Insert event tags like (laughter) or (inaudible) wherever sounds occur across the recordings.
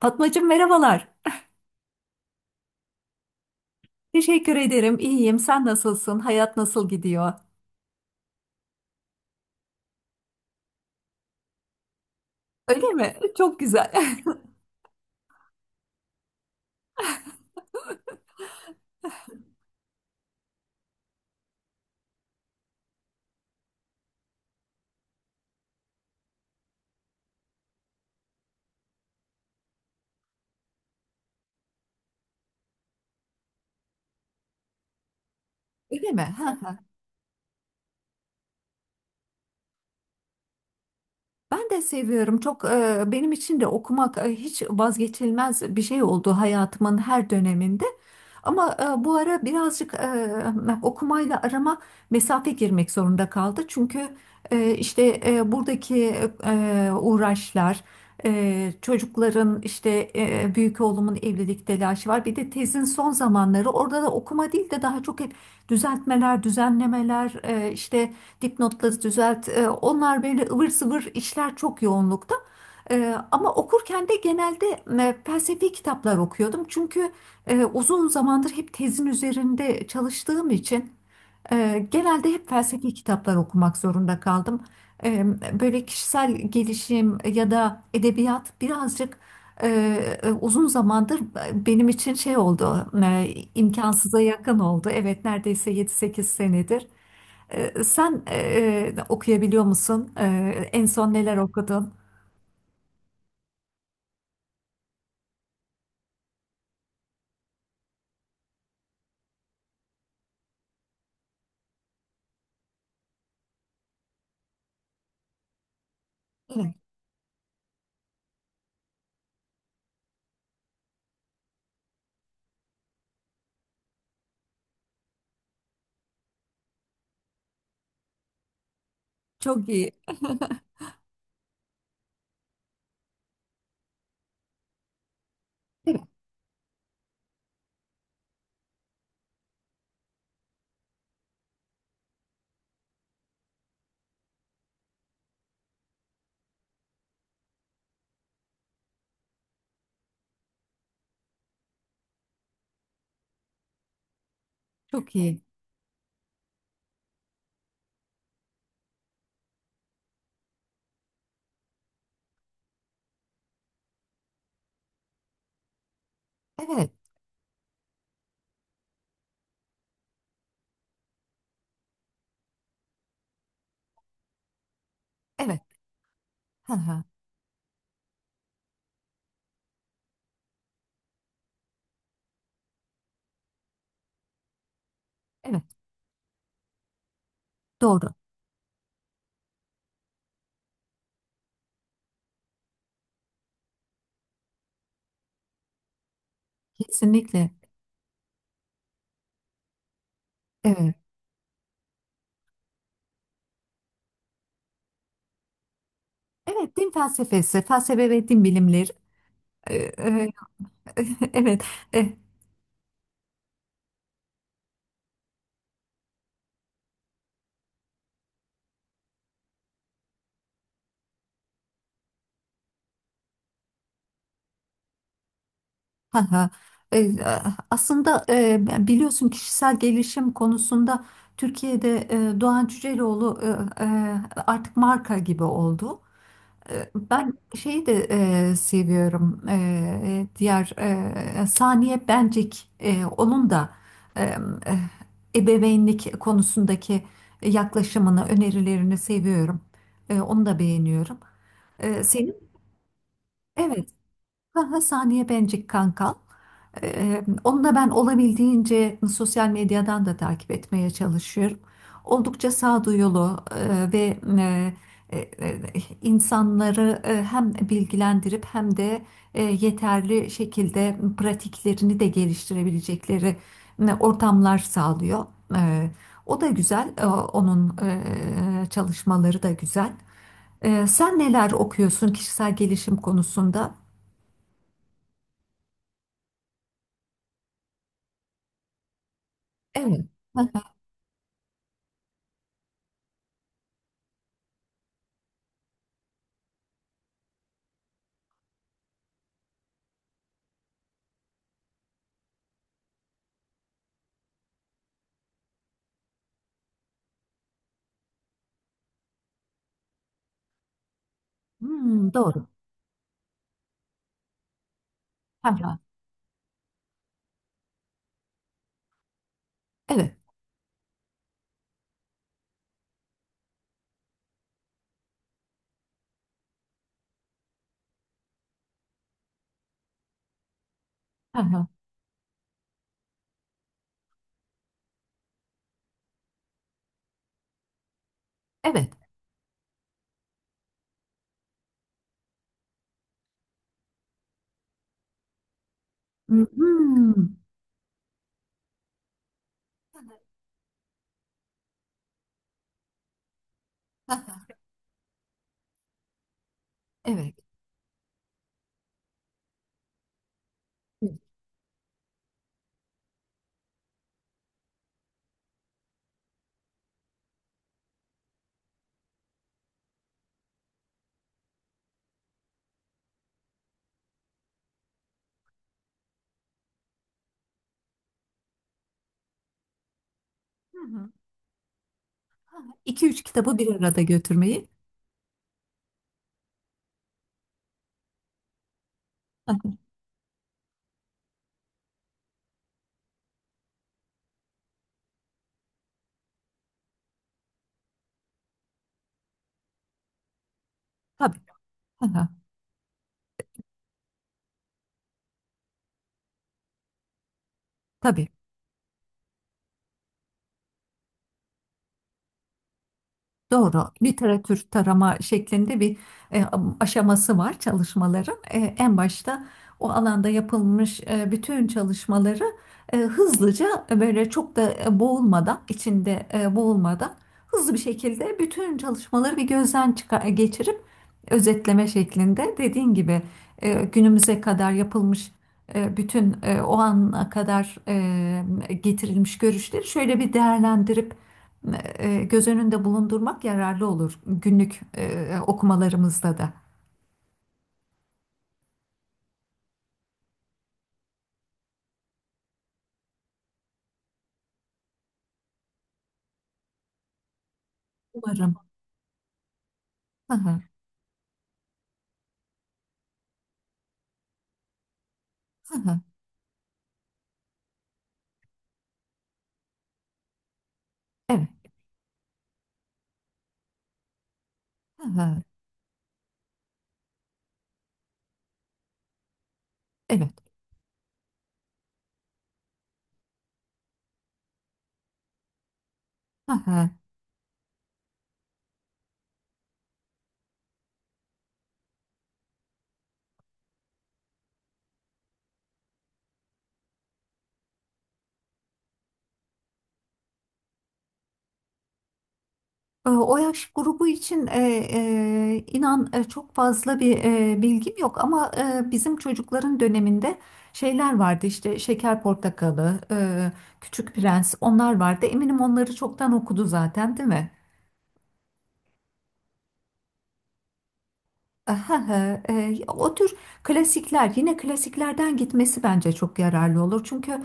Fatmacığım merhabalar. Teşekkür ederim. İyiyim. Sen nasılsın? Hayat nasıl gidiyor? Öyle mi? Çok güzel. (laughs) Öyle mi? Ha, ben de seviyorum. Çok benim için de okumak hiç vazgeçilmez bir şey oldu hayatımın her döneminde. Ama bu ara birazcık okumayla arama mesafe girmek zorunda kaldı. Çünkü işte buradaki uğraşlar, çocukların işte büyük oğlumun evlilik telaşı var. Bir de tezin son zamanları orada da okuma değil de daha çok hep düzeltmeler, düzenlemeler, işte dipnotları düzelt. Onlar böyle ıvır zıvır işler çok yoğunlukta. Ama okurken de genelde felsefi kitaplar okuyordum. Çünkü uzun zamandır hep tezin üzerinde çalıştığım için genelde hep felsefi kitaplar okumak zorunda kaldım. E, Böyle kişisel gelişim ya da edebiyat birazcık e, uzun zamandır benim için şey oldu, imkansıza yakın oldu. Evet, neredeyse yedi sekiz senedir. Sen okuyabiliyor musun? En son neler okudun? Evet, çok iyi, evet, çok iyi, evet, evet, hı hı, evet, doğru, kesinlikle, evet. Evet, din felsefesi, felsefe ve din bilimleri. Ee, e, (laughs) evet, e, ha ha. E, Aslında biliyorsun kişisel gelişim konusunda Türkiye'de Doğan Cüceloğlu e, e, artık marka gibi oldu. Ben şeyi de seviyorum. Diğer Saniye Bencik, onun da e, e, ebeveynlik konusundaki yaklaşımını, önerilerini seviyorum. Onu da beğeniyorum. Senin evet. Aha, Saniye Bencik kanka. Onu da ben olabildiğince sosyal medyadan da takip etmeye çalışıyorum. Oldukça sağduyulu ve e, e, insanları hem bilgilendirip hem de yeterli şekilde pratiklerini de geliştirebilecekleri ortamlar sağlıyor. E, O da güzel, onun çalışmaları da güzel. Sen neler okuyorsun kişisel gelişim konusunda? Evet. (laughs) Hmm, doğru. Ha, ha. Evet. Hı hı. Evet. Hmm. Hı hı. Evet. Hı hı. İki üç kitabı bir arada götürmeyi. Hı hı. Tabii. Hı hı. Tabii. Doğru. Literatür tarama şeklinde bir e, aşaması var çalışmaların. En başta o alanda yapılmış bütün çalışmaları hızlıca böyle çok da boğulmadan, içinde boğulmadan hızlı bir şekilde bütün çalışmaları bir gözden çıkar, geçirip özetleme şeklinde dediğin gibi günümüze kadar yapılmış bütün o ana kadar getirilmiş görüşleri şöyle bir değerlendirip göz önünde bulundurmak yararlı olur günlük okumalarımızda da. Umarım. Hı hı, hı hı. Evet. Hı hı, evet. Hı hı. O yaş grubu için inan çok fazla bir bilgim yok ama bizim çocukların döneminde şeyler vardı işte Şeker Portakalı, Küçük Prens onlar vardı. Eminim onları çoktan okudu zaten değil mi? Aha, o tür klasikler yine klasiklerden gitmesi bence çok yararlı olur. Çünkü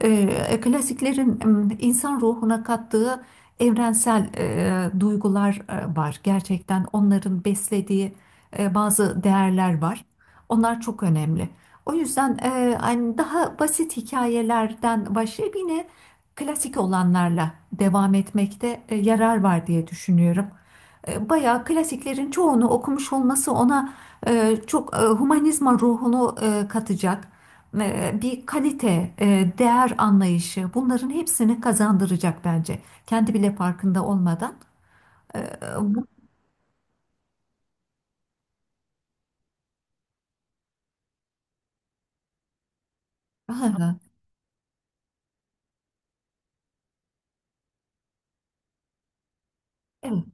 e, klasiklerin insan ruhuna kattığı evrensel duygular var. Gerçekten onların beslediği bazı değerler var. Onlar çok önemli. O yüzden hani daha basit hikayelerden başlayıp yine klasik olanlarla devam etmekte yarar var diye düşünüyorum. Bayağı klasiklerin çoğunu okumuş olması ona çok humanizma ruhunu katacak bir kalite, değer anlayışı bunların hepsini kazandıracak bence. Kendi bile farkında olmadan. E, bu- Hı hı. Evet,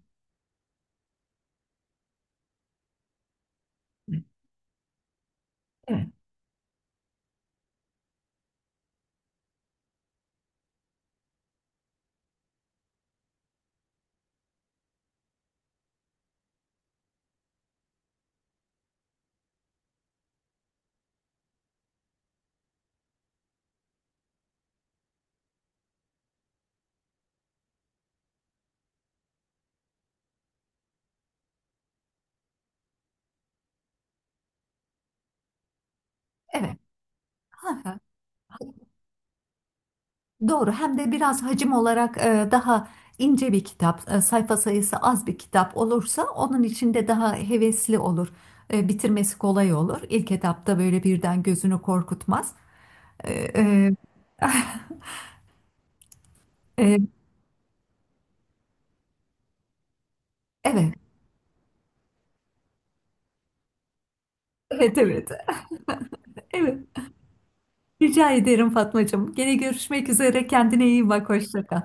evet, evet. Hı hı. Doğru. Hem de biraz hacim olarak daha ince bir kitap, sayfa sayısı az bir kitap olursa onun içinde daha hevesli olur. Bitirmesi kolay olur. İlk etapta böyle birden gözünü korkutmaz. Ee, e, e, evet, evet, evet, evet. Rica ederim Fatmacığım. Gene görüşmek üzere. Kendine iyi bak. Hoşça kal.